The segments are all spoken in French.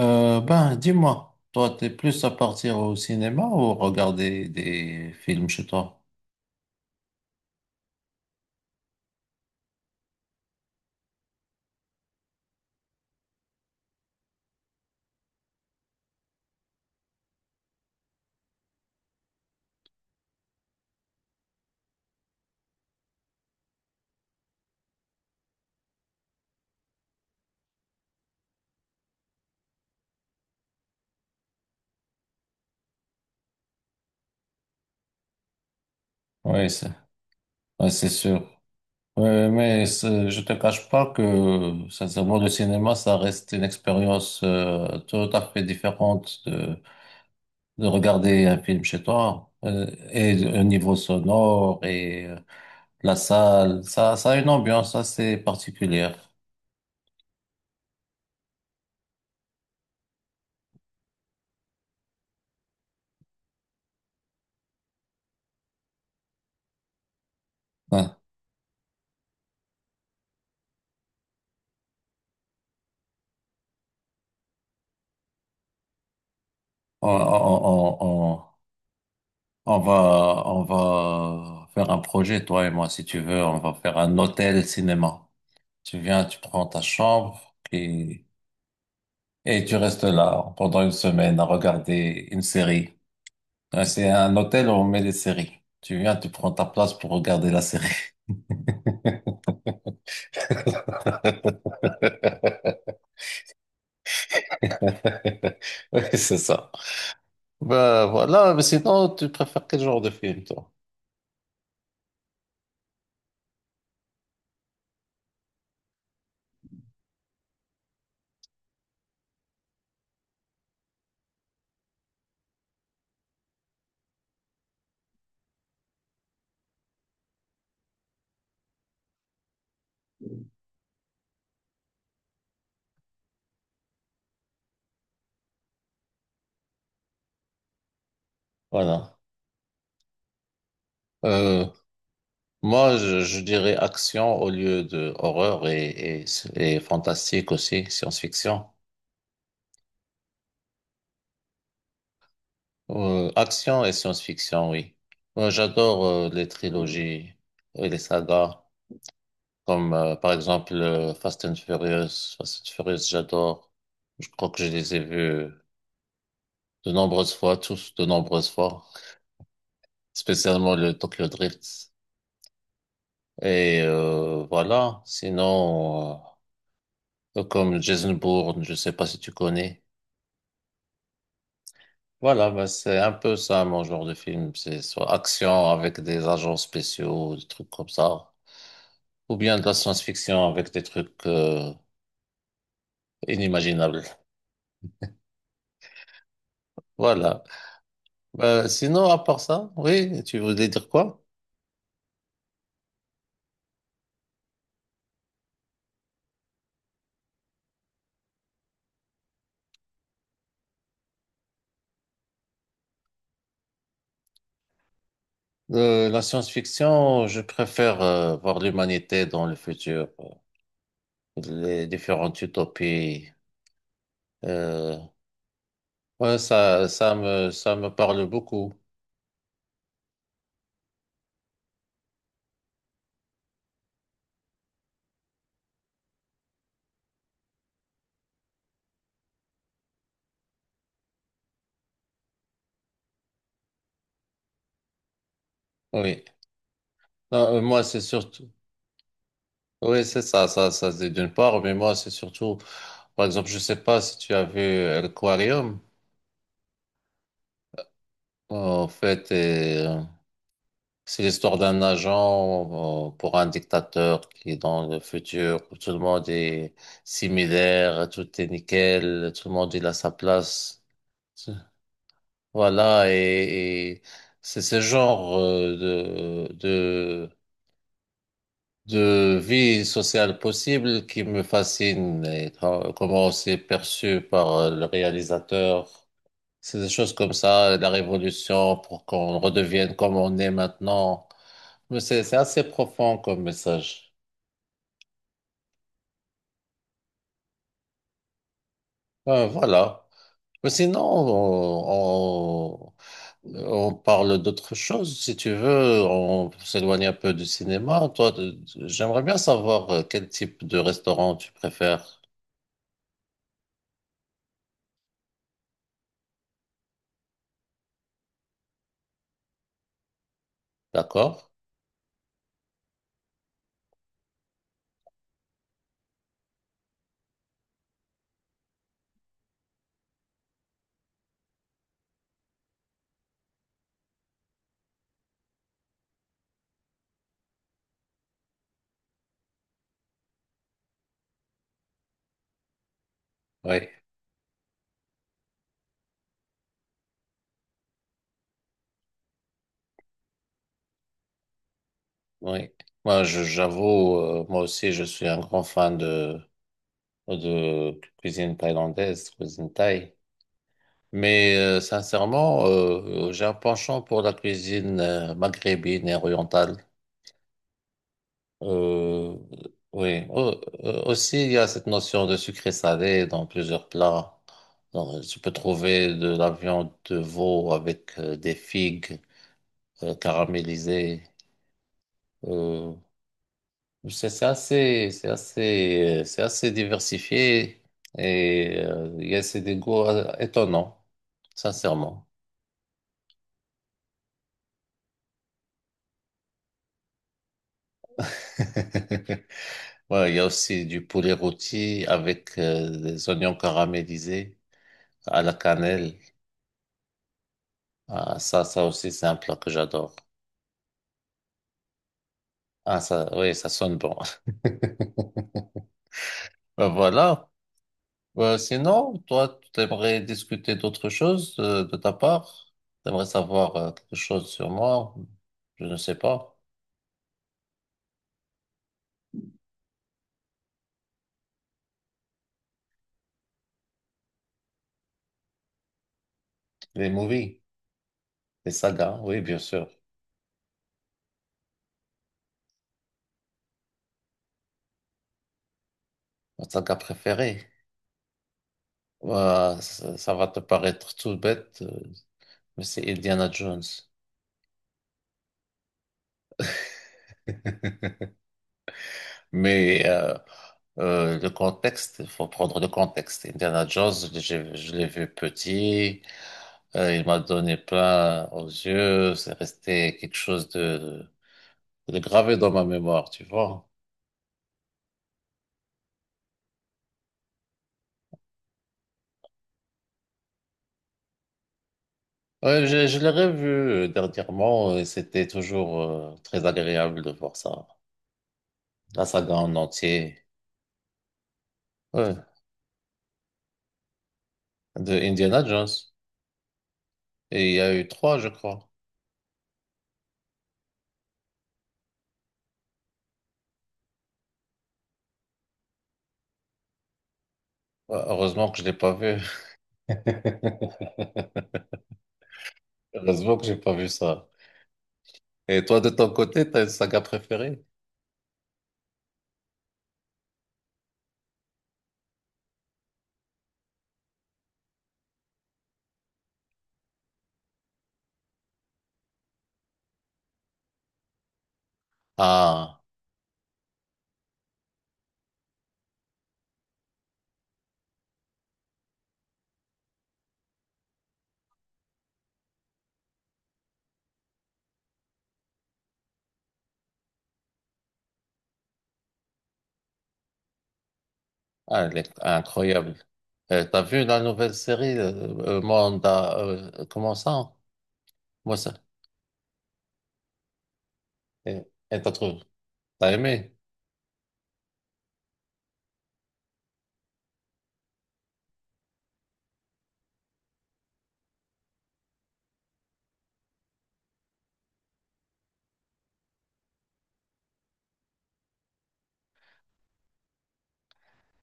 Dis-moi, toi, t'es plus à partir au cinéma ou regarder des films chez toi? Oui, c'est ouais, c'est sûr. Ouais, mais je te cache pas que, sincèrement, le cinéma, ça reste une expérience tout à fait différente de regarder un film chez toi. Et au niveau sonore et la salle, ça a une ambiance assez particulière. Ouais. On, on, on, on- on va faire un projet, toi et moi, si tu veux. On va faire un hôtel cinéma. Tu viens, tu prends ta chambre et tu restes là pendant une semaine à regarder une série. Ouais, c'est un hôtel où on met des séries. Tu viens, tu prends ta place pour regarder la série. Oui, c'est ça. Ben voilà, mais sinon, tu préfères quel genre de film, toi? Voilà. Euh, Moi, je dirais action au lieu de horreur et fantastique aussi, science-fiction. Action et science-fiction, oui. Moi, j'adore les trilogies et les sagas, comme par exemple Fast and Furious. Fast and Furious, j'adore. Je crois que je les ai vus de nombreuses fois, tous de nombreuses fois, spécialement le Tokyo Drift. Et voilà, sinon, comme Jason Bourne, je sais pas si tu connais. Voilà, bah, c'est un peu ça mon genre de film. C'est soit action avec des agents spéciaux, des trucs comme ça, ou bien de la science-fiction avec des trucs inimaginables. Voilà. Bah, sinon, à part ça, oui, tu voulais dire quoi? La science-fiction, je préfère voir l'humanité dans le futur, les différentes utopies. Euh, ouais, ça me parle beaucoup. Oui. Non, moi, c'est surtout. Oui, c'est ça, c'est d'une part, mais moi, c'est surtout. Par exemple, je sais pas si tu as vu Aquarium. En fait, c'est l'histoire d'un agent pour un dictateur qui est dans le futur. Où tout le monde est similaire, tout est nickel, tout le monde il a sa place. C'est- Voilà, et c'est ce genre de de vie sociale possible qui me fascine et comment c'est perçu par le réalisateur. C'est des choses comme ça, la révolution pour qu'on redevienne comme on est maintenant. Mais c'est assez profond comme message. Voilà. Mais sinon, on parle d'autre chose, si tu veux. On s'éloigne un peu du cinéma. Toi, j'aimerais bien savoir quel type de restaurant tu préfères. D'accord? Oui. Oui, j'avoue, moi aussi je suis un grand fan de cuisine thaïlandaise, cuisine thaï. Mais sincèrement, j'ai un penchant pour la cuisine maghrébine et orientale. Euh, oui, aussi il y a cette notion de sucré salé dans plusieurs plats. Donc, tu peux trouver de la viande de veau avec des figues caramélisées. Euh, C'est c'est assez diversifié et il y a c'est des goûts étonnants, sincèrement. Ouais, il y a aussi du poulet rôti avec des oignons caramélisés à la cannelle. Ah, ça aussi, c'est un plat que j'adore. Ah, ça, oui, ça sonne bon. Ben voilà. Sinon, toi, tu aimerais discuter d'autre chose de ta part? T'aimerais savoir quelque chose sur moi? Je ne sais pas. Les movies, les sagas, oui, bien sûr. Ma saga préférée. Ouah, ça va te paraître tout bête, mais c'est Indiana Jones. Mais le contexte, il faut prendre le contexte. Indiana Jones, je l'ai vu petit, il m'a donné plein aux yeux, c'est resté quelque chose de gravé dans ma mémoire, tu vois. Ouais, je l'ai revu dernièrement et c'était toujours très agréable de voir ça, la saga en entier. Ouais, de Indiana Jones. Et il y a eu 3, je crois. Ouais, heureusement que je l'ai pas vu. Heureusement que j'ai pas vu ça. Et toi, de ton côté, t'as une saga préférée? Ah, ah, elle est incroyable. T'as vu la nouvelle série, Manda, comment ça? Moi, ça. Et et t'as trouvé, t'as aimé.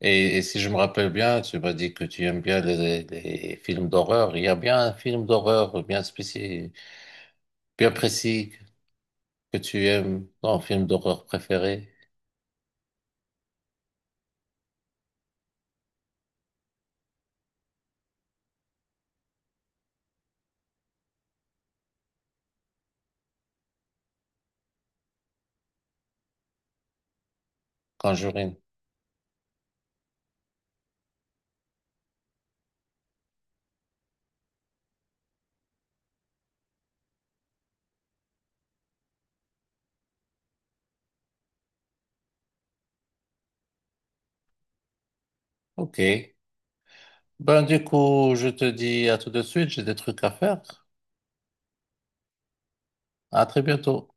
Et si je me rappelle bien, tu m'as dit que tu aimes bien les films d'horreur. Il y a bien un film d'horreur bien spécifique, bien précis que tu aimes, ton film d'horreur préféré, Conjuring. Ok. Ben, du coup, je te dis à tout de suite, j'ai des trucs à faire. À très bientôt.